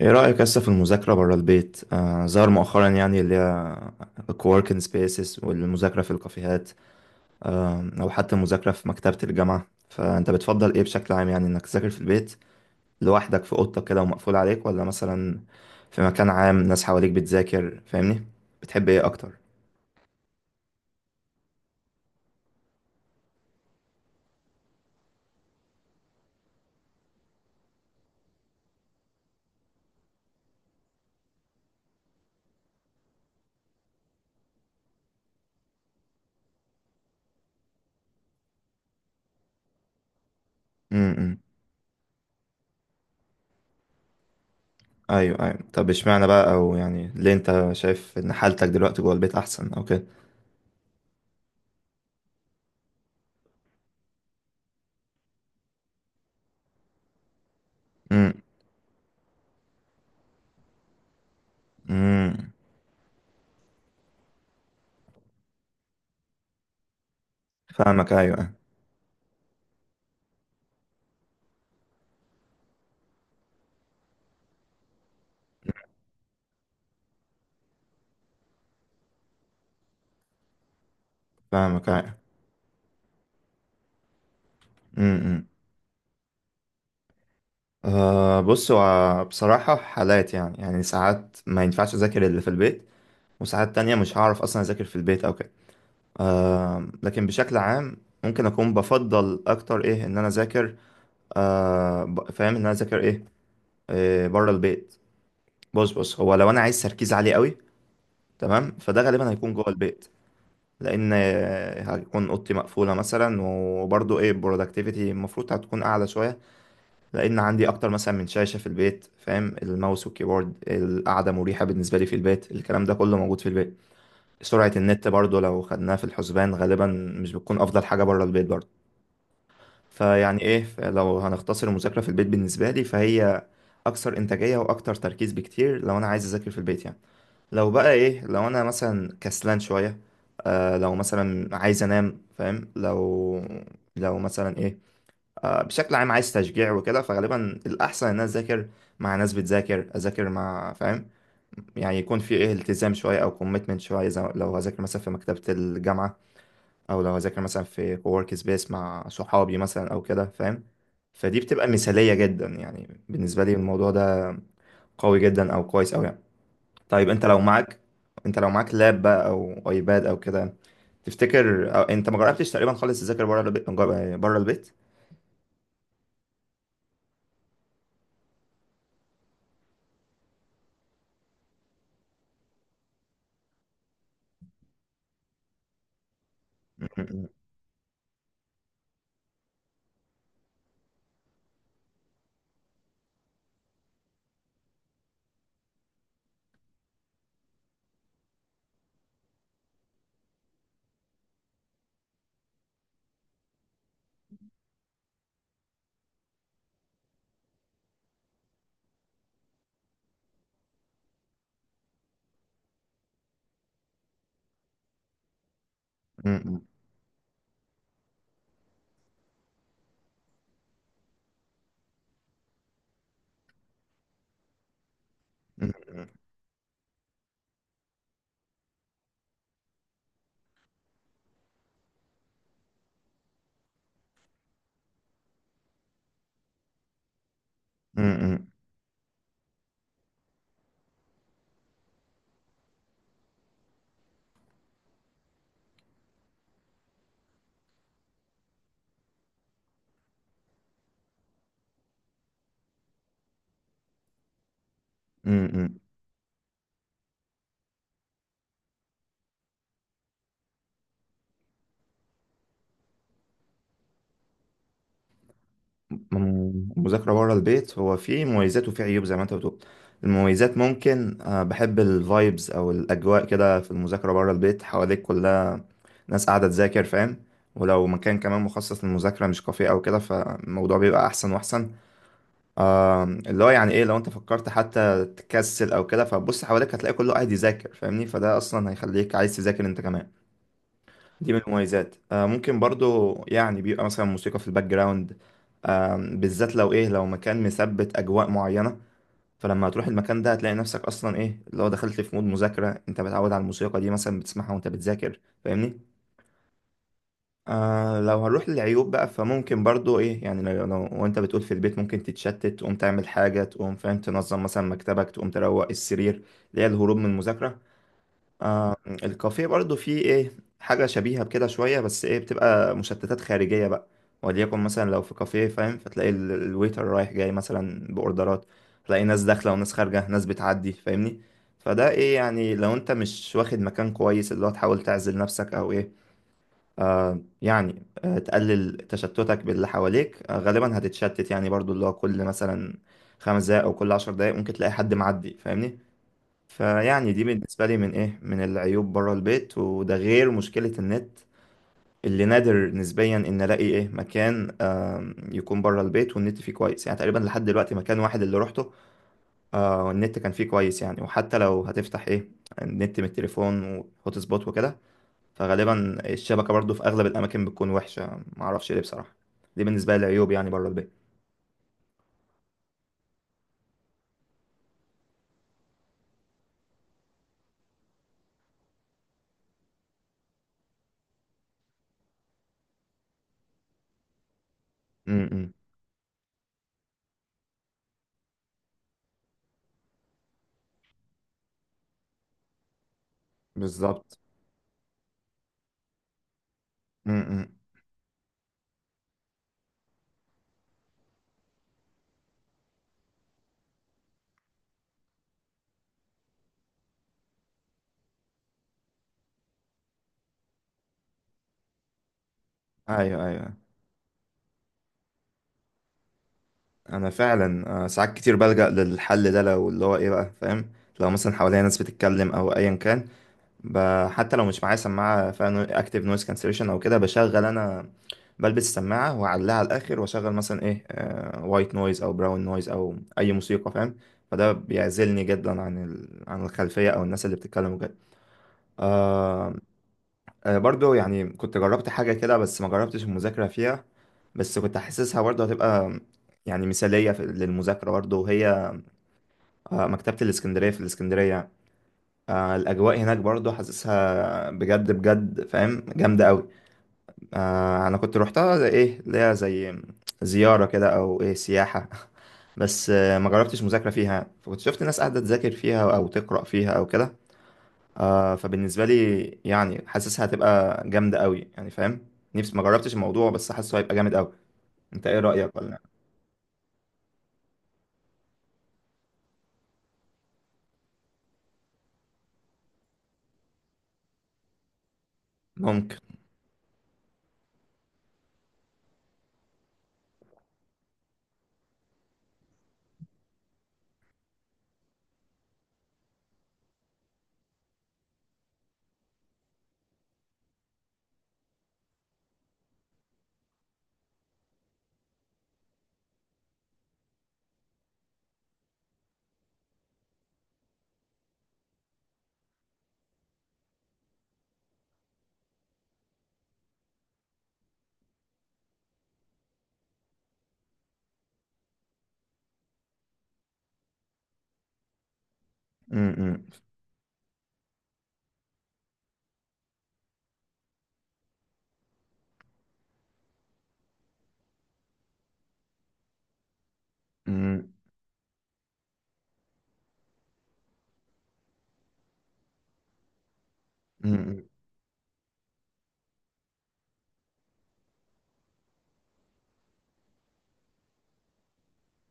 ايه رأيك لسه في المذاكرة برا البيت؟ ظهر مؤخرا يعني اللي هي الكووركينج سبيسز والمذاكرة في الكافيهات. أو حتى المذاكرة في مكتبة الجامعة، فأنت بتفضل ايه بشكل عام، يعني إنك تذاكر في البيت لوحدك في أوضتك كده ومقفول عليك، ولا مثلا في مكان عام ناس حواليك بتذاكر فاهمني؟ بتحب ايه أكتر؟ امم. أيوه أيوه، طب اشمعنى بقى، أو يعني ليه أنت شايف إن حالتك دلوقتي جوه البيت أحسن أو كده؟ امم. امم. فاهمك أيوه أيوه. فاهمك أيوه. أه، بص هو بصراحة حالات، يعني ساعات ما ينفعش أذاكر اللي في البيت، وساعات تانية مش هعرف أصلا أذاكر في البيت أو كده. أه لكن بشكل عام ممكن أكون بفضل أكتر إيه إن أنا أذاكر، فاهم إن أنا أذاكر إيه، إيه بره البيت. بص هو لو أنا عايز تركيز عالي قوي، تمام، فده غالبا هيكون جوه البيت، لأن هتكون أوضتي مقفولة مثلا، وبرضه إيه productivity المفروض هتكون أعلى شوية، لان عندي اكتر مثلا من شاشه في البيت، فاهم، الماوس والكيبورد، القعده مريحه بالنسبه لي في البيت، الكلام ده كله موجود في البيت، سرعه النت برضو لو خدناها في الحسبان غالبا مش بتكون افضل حاجه بره البيت برضو. فيعني ايه، لو هنختصر المذاكره في البيت بالنسبه لي، فهي اكثر انتاجيه واكتر تركيز بكتير لو انا عايز اذاكر في البيت يعني. لو بقى ايه، لو انا مثلا كسلان شويه، لو مثلا عايز انام فاهم، لو مثلا ايه، بشكل عام عايز تشجيع وكده، فغالبا الأحسن إن أنا أذاكر مع ناس بتذاكر، أذاكر مع فاهم، يعني يكون في إيه التزام شوية أو كوميتمنت شوية، زي لو هذاكر مثلا في مكتبة الجامعة، أو لو هذاكر مثلا في كوورك سبيس مع صحابي مثلا أو كده فاهم، فدي بتبقى مثالية جدا يعني بالنسبة لي، الموضوع ده قوي جدا أو كويس أوي يعني. طيب أنت لو معاك لاب بقى أو أيباد أو كده، تفتكر، أو أنت ما جربتش تقريبا خالص تذاكر بره البيت بره البيت؟ امم، امم. مذاكرة بره البيت، هو فيه مميزات وفيه عيوب زي ما انت بتقول. المميزات ممكن بحب الفايبز او الاجواء كده في المذاكرة بره البيت، حواليك كلها ناس قاعدة تذاكر فاهم، ولو مكان كمان مخصص للمذاكرة مش كافيه او كده فالموضوع بيبقى احسن واحسن. اللي هو يعني ايه لو انت فكرت حتى تكسل او كده، فبص حواليك هتلاقي كله قاعد يذاكر فاهمني، فده اصلا هيخليك عايز تذاكر انت كمان. دي من المميزات. آه ممكن برضو يعني بيبقى مثلا موسيقى في الباك جراوند، بالذات لو ايه لو مكان مثبت اجواء معينة، فلما هتروح المكان ده هتلاقي نفسك اصلا ايه لو دخلت في مود مذاكرة، انت متعود على الموسيقى دي مثلا بتسمعها وانت بتذاكر فاهمني. لو هنروح للعيوب بقى، فممكن برضو ايه، يعني وانت بتقول في البيت ممكن تتشتت، تقوم تعمل حاجة، تقوم فاهم تنظم مثلا مكتبك، تقوم تروق السرير، اللي هي الهروب من المذاكرة. الكافيه برضو فيه ايه حاجة شبيهة بكده شوية، بس ايه بتبقى مشتتات خارجية بقى، وليكن مثلا لو في كافيه فاهم، فتلاقي الويتر رايح جاي مثلا بأوردرات، تلاقي ناس داخلة وناس خارجة، ناس بتعدي فاهمني. فده ايه يعني لو انت مش واخد مكان كويس اللي هو تحاول تعزل نفسك او ايه يعني، تقلل تشتتك باللي حواليك، غالبا هتتشتت، يعني برضو اللي هو كل مثلا 5 دقايق او كل 10 دقايق ممكن تلاقي حد معدي فاهمني. فيعني دي بالنسبة لي من إيه من العيوب بره البيت، وده غير مشكلة النت، اللي نادر نسبيا إن ألاقي إيه مكان يكون بره البيت والنت فيه كويس، يعني تقريبا لحد دلوقتي مكان واحد اللي روحته والنت كان فيه كويس، يعني وحتى لو هتفتح إيه النت من التليفون وهوت سبوت وكده، فغالبا الشبكة برضو في أغلب الأماكن بتكون وحشة معرفش ليه بصراحة. دي بالنسبة لي العيوب يعني بره البيت. م-. م. بالظبط. م-. م. أيوه أيوه. انا فعلا ساعات كتير بلجأ للحل ده، لو اللي هو ايه بقى فاهم، لو مثلا حواليا ناس بتتكلم او ايا كان، حتى لو مش معايا سماعه فيها اكتف نويز كانسليشن او كده، بشغل انا، بلبس السماعه واعلقها على الاخر واشغل مثلا ايه وايت نويز او براون نويز او اي موسيقى فاهم، فده بيعزلني جدا عن عن الخلفيه او الناس اللي بتتكلم وكده. آه، برضو يعني كنت جربت حاجة كده بس ما جربتش المذاكرة فيها، بس كنت حاسسها برضو هتبقى يعني مثالية للمذاكرة برضو، وهي مكتبة الإسكندرية في الإسكندرية. الأجواء هناك برضو حاسسها بجد بجد فاهم جامدة أوي. أنا كنت روحتها زي إيه اللي هي زي زيارة كده أو إيه سياحة بس ما جربتش مذاكرة فيها، فكنت شفت ناس قاعدة تذاكر فيها أو تقرأ فيها أو كده. آه فبالنسبة لي يعني حاسسها هتبقى جامدة قوي يعني فاهم، نفسي ما جربتش الموضوع بس حاسه هيبقى جامد قوي. انت ايه رأيك ولا ممكن؟ م-، م-، م-، م-،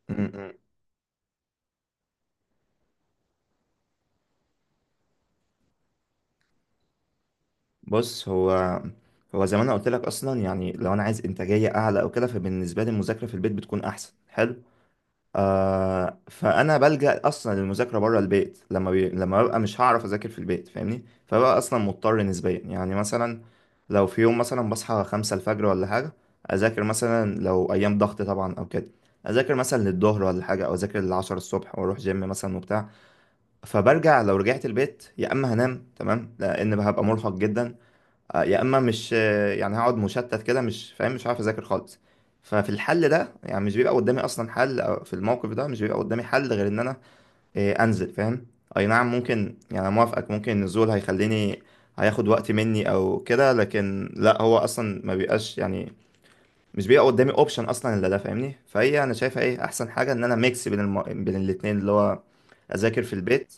م-، م-. بص هو، هو زي ما انا قلت لك اصلا يعني، لو انا عايز انتاجية اعلى او كده فبالنسبة لي المذاكرة في البيت بتكون احسن، حلو. آه فانا بلجأ اصلا للمذاكره بره البيت لما لما ببقى مش هعرف اذاكر في البيت فاهمني، فببقى اصلا مضطر نسبيا يعني، مثلا لو في يوم مثلا بصحى 5 الفجر ولا حاجه، اذاكر مثلا لو ايام ضغط طبعا او كده، اذاكر مثلا للظهر ولا حاجه، او اذاكر لل10 الصبح واروح جيم مثلا وبتاع، فبرجع، لو رجعت البيت يا اما هنام تمام لان هبقى مرهق جدا، يا اما مش يعني هقعد مشتت كده مش فاهم مش عارف اذاكر خالص. ففي الحل ده يعني مش بيبقى قدامي اصلا حل، أو في الموقف ده مش بيبقى قدامي حل غير ان انا انزل فاهم. اي نعم ممكن، يعني أنا موافقك ممكن النزول هيخليني هياخد وقت مني او كده، لكن لا هو اصلا ما بيبقاش يعني مش بيبقى قدامي اوبشن اصلا الا ده فاهمني. فهي انا شايفها ايه احسن حاجه ان انا ميكس بين بين الاتنين اللي هو اذاكر في البيت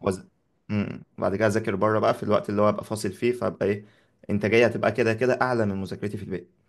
وز... مم. وبعد كده اذاكر بره بقى في الوقت اللي هو ابقى فاصل فيه، فابقى ايه انتاجيه هتبقى كده كده اعلى من مذاكرتي في البيت.